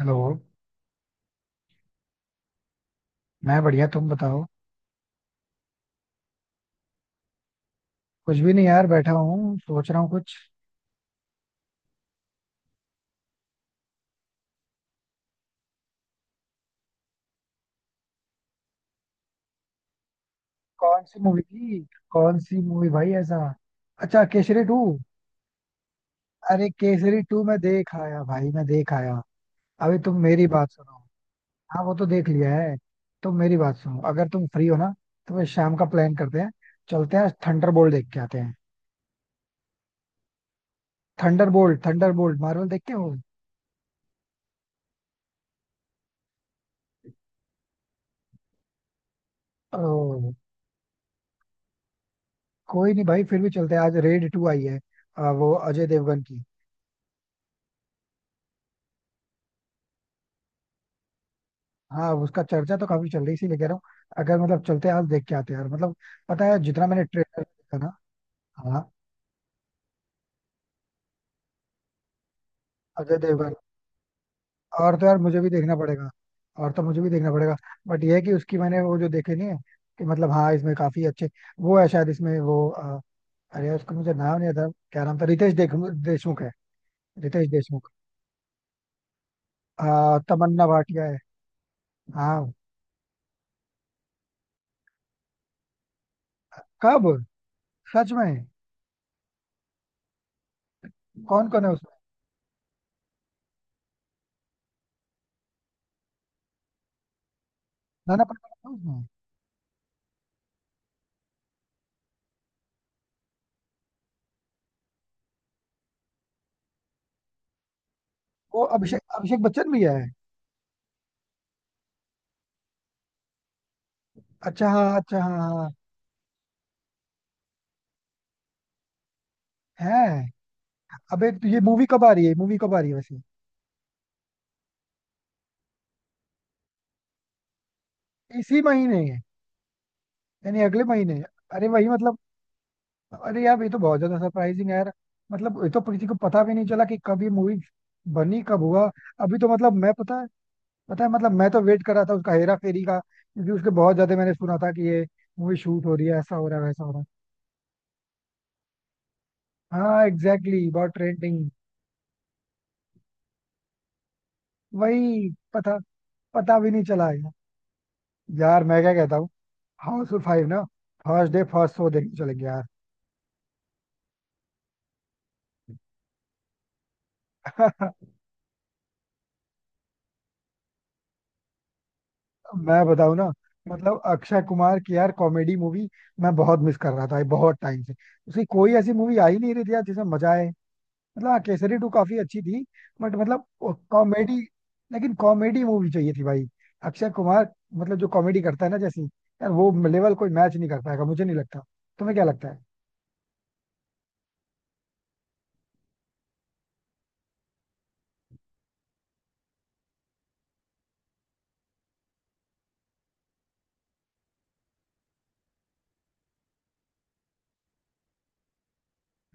Hello. मैं बढ़िया, तुम बताओ। कुछ भी नहीं यार, बैठा हूँ, सोच रहा हूँ कुछ। कौन सी मूवी थी? कौन सी मूवी भाई ऐसा? अच्छा, केसरी 2। अरे, केसरी 2 मैं देख आया भाई, मैं देख आया। अभी तुम मेरी बात सुनो। हाँ, वो तो देख लिया है। तुम मेरी बात सुनो, अगर तुम फ्री हो ना तो फिर शाम का प्लान करते हैं। चलते हैं, थंडरबोल्ट देख के आते हैं। थंडरबोल्ट, थंडरबोल्ट मार्वल देखते हो? ओ, कोई नहीं भाई, फिर भी चलते हैं, आज रेड 2 आई है। वो अजय देवगन की। हाँ, उसका चर्चा तो काफी चल रही है, इसीलिए कह रहा हूँ। अगर मतलब चलते हैं, आज देख के आते हैं यार, मतलब पता है जितना मैंने ट्रेलर देखा ना। हाँ, अजय देवगन। और तो यार मुझे भी देखना पड़ेगा। और तो मुझे भी देखना पड़ेगा। बट ये है कि उसकी मैंने वो जो देखे नहीं है, कि मतलब हाँ, इसमें काफी अच्छे वो है। शायद इसमें वो अरे उसका मुझे नाम नहीं आता, क्या नाम था? रितेश देख देशमुख है। रितेश देशमुख। तमन्ना भाटिया है। हाँ। कब? सच में? कौन कौन है उसमें? नाना पाटेकर है उसमें। वो अभिषेक, अभिषेक बच्चन भी है। अच्छा, हाँ, अच्छा, हाँ, हाँ, हाँ। है? अबे तो ये मूवी कब आ रही है, मूवी कब आ रही है वैसे? इसी महीने है? यानी अगले महीने। अरे वही मतलब। अरे यार, ये तो बहुत ज्यादा सरप्राइजिंग है यार। मतलब ये तो किसी को पता भी नहीं चला कि कब ये मूवी बनी, कब हुआ। अभी तो मतलब मैं, पता है मतलब मैं तो वेट कर रहा था उसका हेरा फेरी का, क्योंकि उसके बहुत ज्यादा मैंने सुना था कि ये मूवी शूट हो रही है, ऐसा हो रहा है, वैसा हो रहा है। हाँ, एग्जैक्टली exactly, बहुत ट्रेंडिंग। वही, पता पता भी नहीं चला है यार। यार मैं क्या कहता हूँ, हाउसफुल 5 ना, फर्स्ट डे फर्स्ट शो देखने चलेंगे यार। मैं बताऊं ना, मतलब अक्षय कुमार की यार कॉमेडी मूवी मैं बहुत मिस कर रहा था बहुत टाइम से। उसकी कोई ऐसी मूवी आ ही नहीं रही थी यार जिसमें मजा आए। मतलब हाँ, केसरी टू काफी अच्छी थी। बट मतलब कॉमेडी, लेकिन कॉमेडी मूवी चाहिए थी भाई, अक्षय कुमार। मतलब जो कॉमेडी करता है ना जैसी यार, वो लेवल कोई मैच नहीं करता है, मुझे नहीं लगता। तुम्हें क्या लगता है?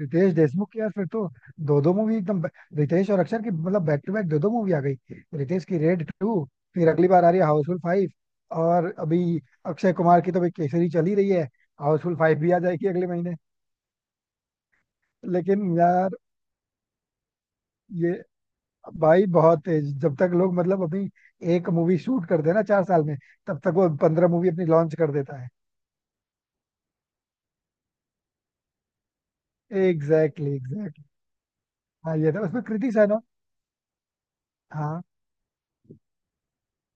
रितेश देशमुख की यार फिर तो दो दो मूवी एकदम रितेश और अक्षर की मतलब बैक टू बैक दो दो मूवी आ गई। रितेश की रेड 2। फिर अगली बार आ रही है हाउसफुल 5। और अभी अक्षय कुमार की तो भाई केसरी चल ही रही है। हाउसफुल फाइव भी आ जाएगी अगले महीने। लेकिन यार ये भाई बहुत तेज, जब तक लोग मतलब अपनी एक मूवी शूट करते हैं ना 4 साल में, तब तक वो 15 मूवी अपनी लॉन्च कर देता है। Exactly, exactly. हाँ, ये था उसमें कृति सैनन। हाँ,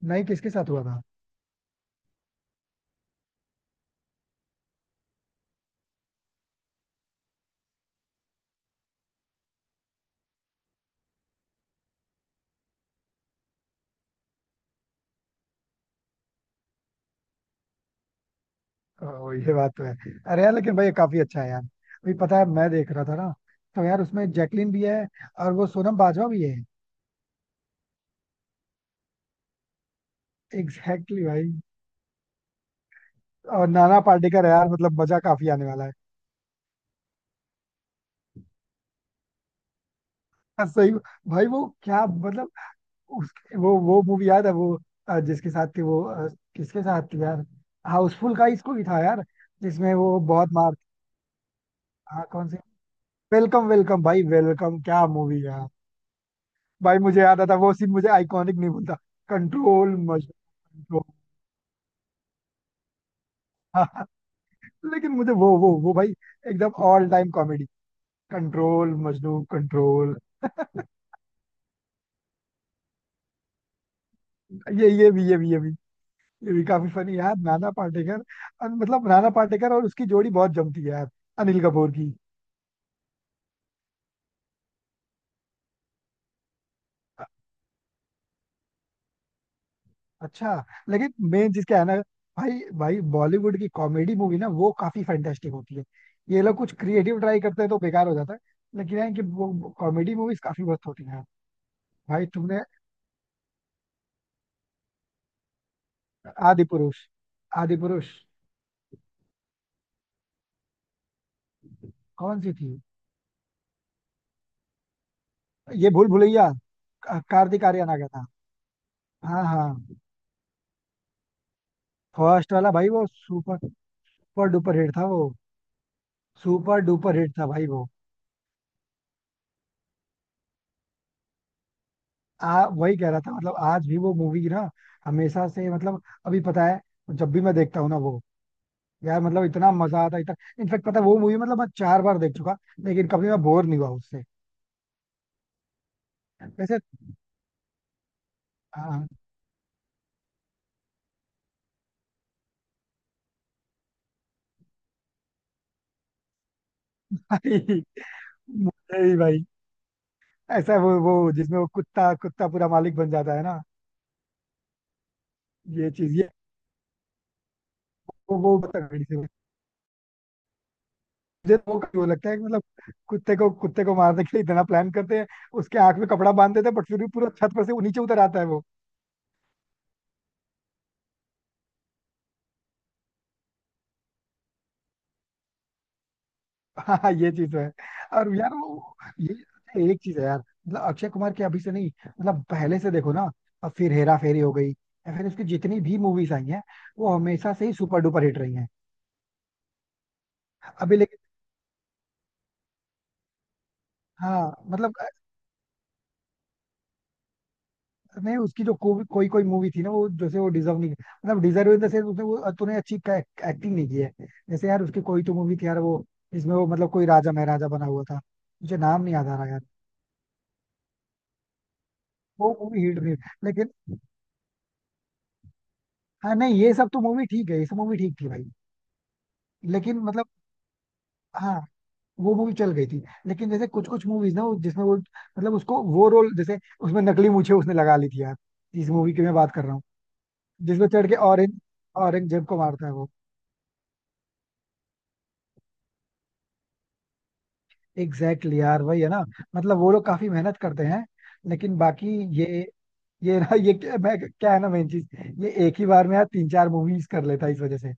नहीं, किसके साथ हुआ था? ओ, ये बात तो है। अरे यार, लेकिन भाई ये काफी अच्छा है यार, अभी पता है मैं देख रहा था ना, तो यार उसमें जैकलिन भी है और वो सोनम बाजवा भी है। एग्जैक्टली exactly भाई। और नाना पाटेकर है यार, मतलब मजा काफी आने वाला है। हाँ, सही। भाई वो क्या मतलब उस वो मूवी याद है, वो जिसके साथ थी, वो किसके साथ थी यार? हाउसफुल का इसको ही था यार, जिसमें वो बहुत मार। हाँ, कौन सी? वेलकम, वेलकम भाई, वेलकम क्या मूवी यार। भाई मुझे याद आता, वो सीन मुझे आइकॉनिक नहीं भूलता। कंट्रोल मज। हाँ। लेकिन मुझे वो वो भाई एकदम all time comedy. Control Majnu control. ये ये भी ये भी ये भी ये भी काफी फनी यार, नाना पाटेकर। मतलब नाना पाटेकर और उसकी जोड़ी बहुत जमती है यार, अनिल कपूर की। अ- अच्छा, लेकिन मेन चीज क्या है ना, भाई भाई, बॉलीवुड की कॉमेडी मूवी ना वो काफी फैंटास्टिक होती है। ये लोग कुछ क्रिएटिव ट्राई करते हैं तो बेकार हो जाता है। लेकिन है कि वो कॉमेडी मूवीज काफी मस्त होती हैं। भाई तुमने आदि पुरुष, आदि पुरुष, कौन सी थी? ये भूल भुलैया, कार्तिक आर्यन आ गया था। हाँ हाँ। फर्स्ट वाला भाई वो सुपर, सुपर डुपर हिट था वो, सुपर डुपर हिट था भाई वो। आ वही कह रहा था, मतलब आज भी वो मूवी ना हमेशा से, मतलब अभी पता है, जब भी मैं देखता हूँ ना वो, यार मतलब इतना मजा आता है, इतना। इनफेक्ट पता है वो मूवी मतलब मैं 4 बार देख चुका, लेकिन कभी मैं बोर नहीं हुआ उससे। वैसे, हाँ भाई, मुझे भी भाई, ऐसा वो जिसमें वो कुत्ता कुत्ता पूरा मालिक बन जाता है ना। ये चीज, ये वो बहुत तगड़ी से। मुझे तो वो क्यों लगता है कि मतलब कुत्ते को, मारने के लिए इतना प्लान करते हैं, उसके आंख में कपड़ा बांध देते हैं, बट फिर भी पूरा छत पर से वो नीचे उतर आता है वो। हाँ हाँ, ये चीज तो है। और यार वो ये अच्छा, एक चीज है यार, मतलब अक्षय कुमार की अभी से नहीं, मतलब पहले से देखो ना, अब फिर हेरा फेरी हो गई या फिर उसकी जितनी भी मूवीज आई हैं, वो हमेशा से ही सुपर डुपर हिट रही हैं। अभी लेकिन, हाँ मतलब, नहीं उसकी जो कोई कोई कोई मूवी थी ना, वो जैसे वो डिजर्व नहीं, मतलब डिजर्व इन द सेंस उसने वो तूने अच्छी एक्टिंग नहीं की है। जैसे यार उसकी कोई तो मूवी थी यार वो, जिसमें वो मतलब कोई राजा महाराजा बना हुआ था, मुझे नाम नहीं याद आ रहा यार। वो मूवी हिट नहीं। लेकिन हाँ नहीं, ये सब तो मूवी ठीक है, ये सब मूवी ठीक थी भाई। लेकिन मतलब, हाँ वो मूवी चल गई थी, लेकिन जैसे कुछ कुछ मूवीज ना, वो जिसमें वो मतलब उसको वो रोल जैसे, उसमें नकली मूछें उसने लगा ली थी यार, जिस मूवी की मैं बात कर रहा हूँ, जिसमें चढ़ के ऑरेंज ऑरेंज जेब को मारता है वो। एग्जैक्टली exactly यार, वही है ना। मतलब वो लोग काफी मेहनत करते हैं, लेकिन बाकी, ये ये ना ये क्या, मैं क्या है ना मेन चीज, ये एक ही बार में यार तीन चार मूवीज कर लेता है, इस वजह से।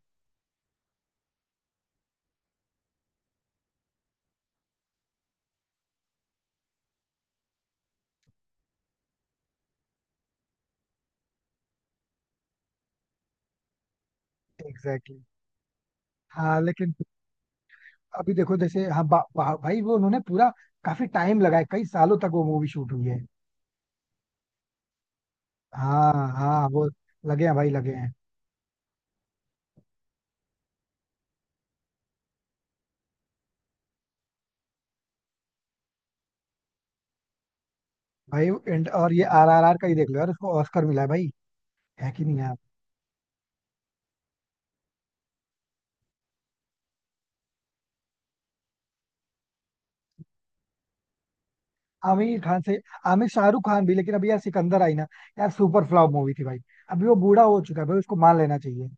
Exactly exactly। हाँ लेकिन, अभी देखो जैसे हाँ, बा, बा, भाई वो उन्होंने पूरा काफी टाइम लगाया, कई सालों तक वो मूवी शूट हुई है। हाँ हाँ वो लगे हैं भाई, लगे हैं। भाई एंड, और ये RRR का ही देख लो यार, उसको ऑस्कर मिला है भाई। है कि नहीं यार? आमिर खान से, आमिर शाहरुख खान भी, लेकिन अभी यार सिकंदर आई ना, यार सुपर फ्लॉप मूवी थी भाई, अभी वो बूढ़ा हो चुका है भाई, उसको मान लेना चाहिए।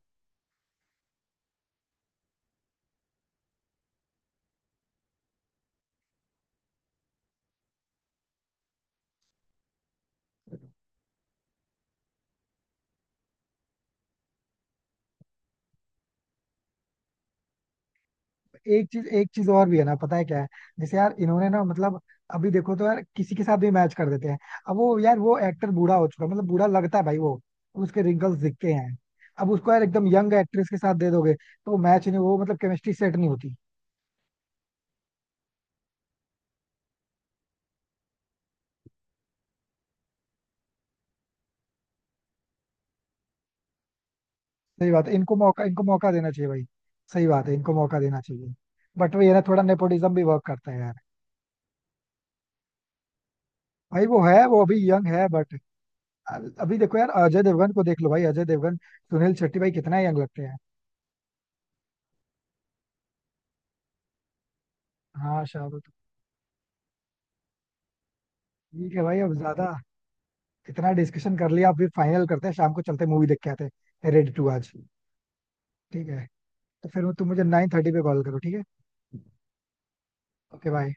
एक चीज, और भी है ना, पता है क्या है? जैसे यार इन्होंने ना, मतलब अभी देखो तो यार किसी के साथ भी मैच कर देते हैं। अब वो यार वो एक्टर बूढ़ा हो चुका है, मतलब बूढ़ा लगता है भाई वो, उसके रिंकल्स दिखते हैं। अब उसको यार एकदम यंग एक्ट्रेस के साथ दे दोगे तो मैच नहीं, वो मतलब केमिस्ट्री सेट नहीं होती। सही बात है, इनको मौका देना चाहिए भाई। सही बात है, इनको मौका देना चाहिए। बट वो ये ना, थोड़ा नेपोटिज्म भी वर्क करता है यार। भाई वो है, वो अभी यंग है बट, अभी देखो यार अजय देवगन को देख लो, भाई अजय देवगन, सुनील शेट्टी, भाई कितना यंग लगते हैं। हाँ शाहरुख कपूर। ठीक है भाई, अब ज्यादा इतना डिस्कशन कर लिया, अब फिर फाइनल करते हैं, शाम को चलते मूवी देख के आते हैं, रेडी टू आज, ठीक है? तो फिर तुम मुझे 9:30 पे कॉल करो, ठीक है? Okay bye.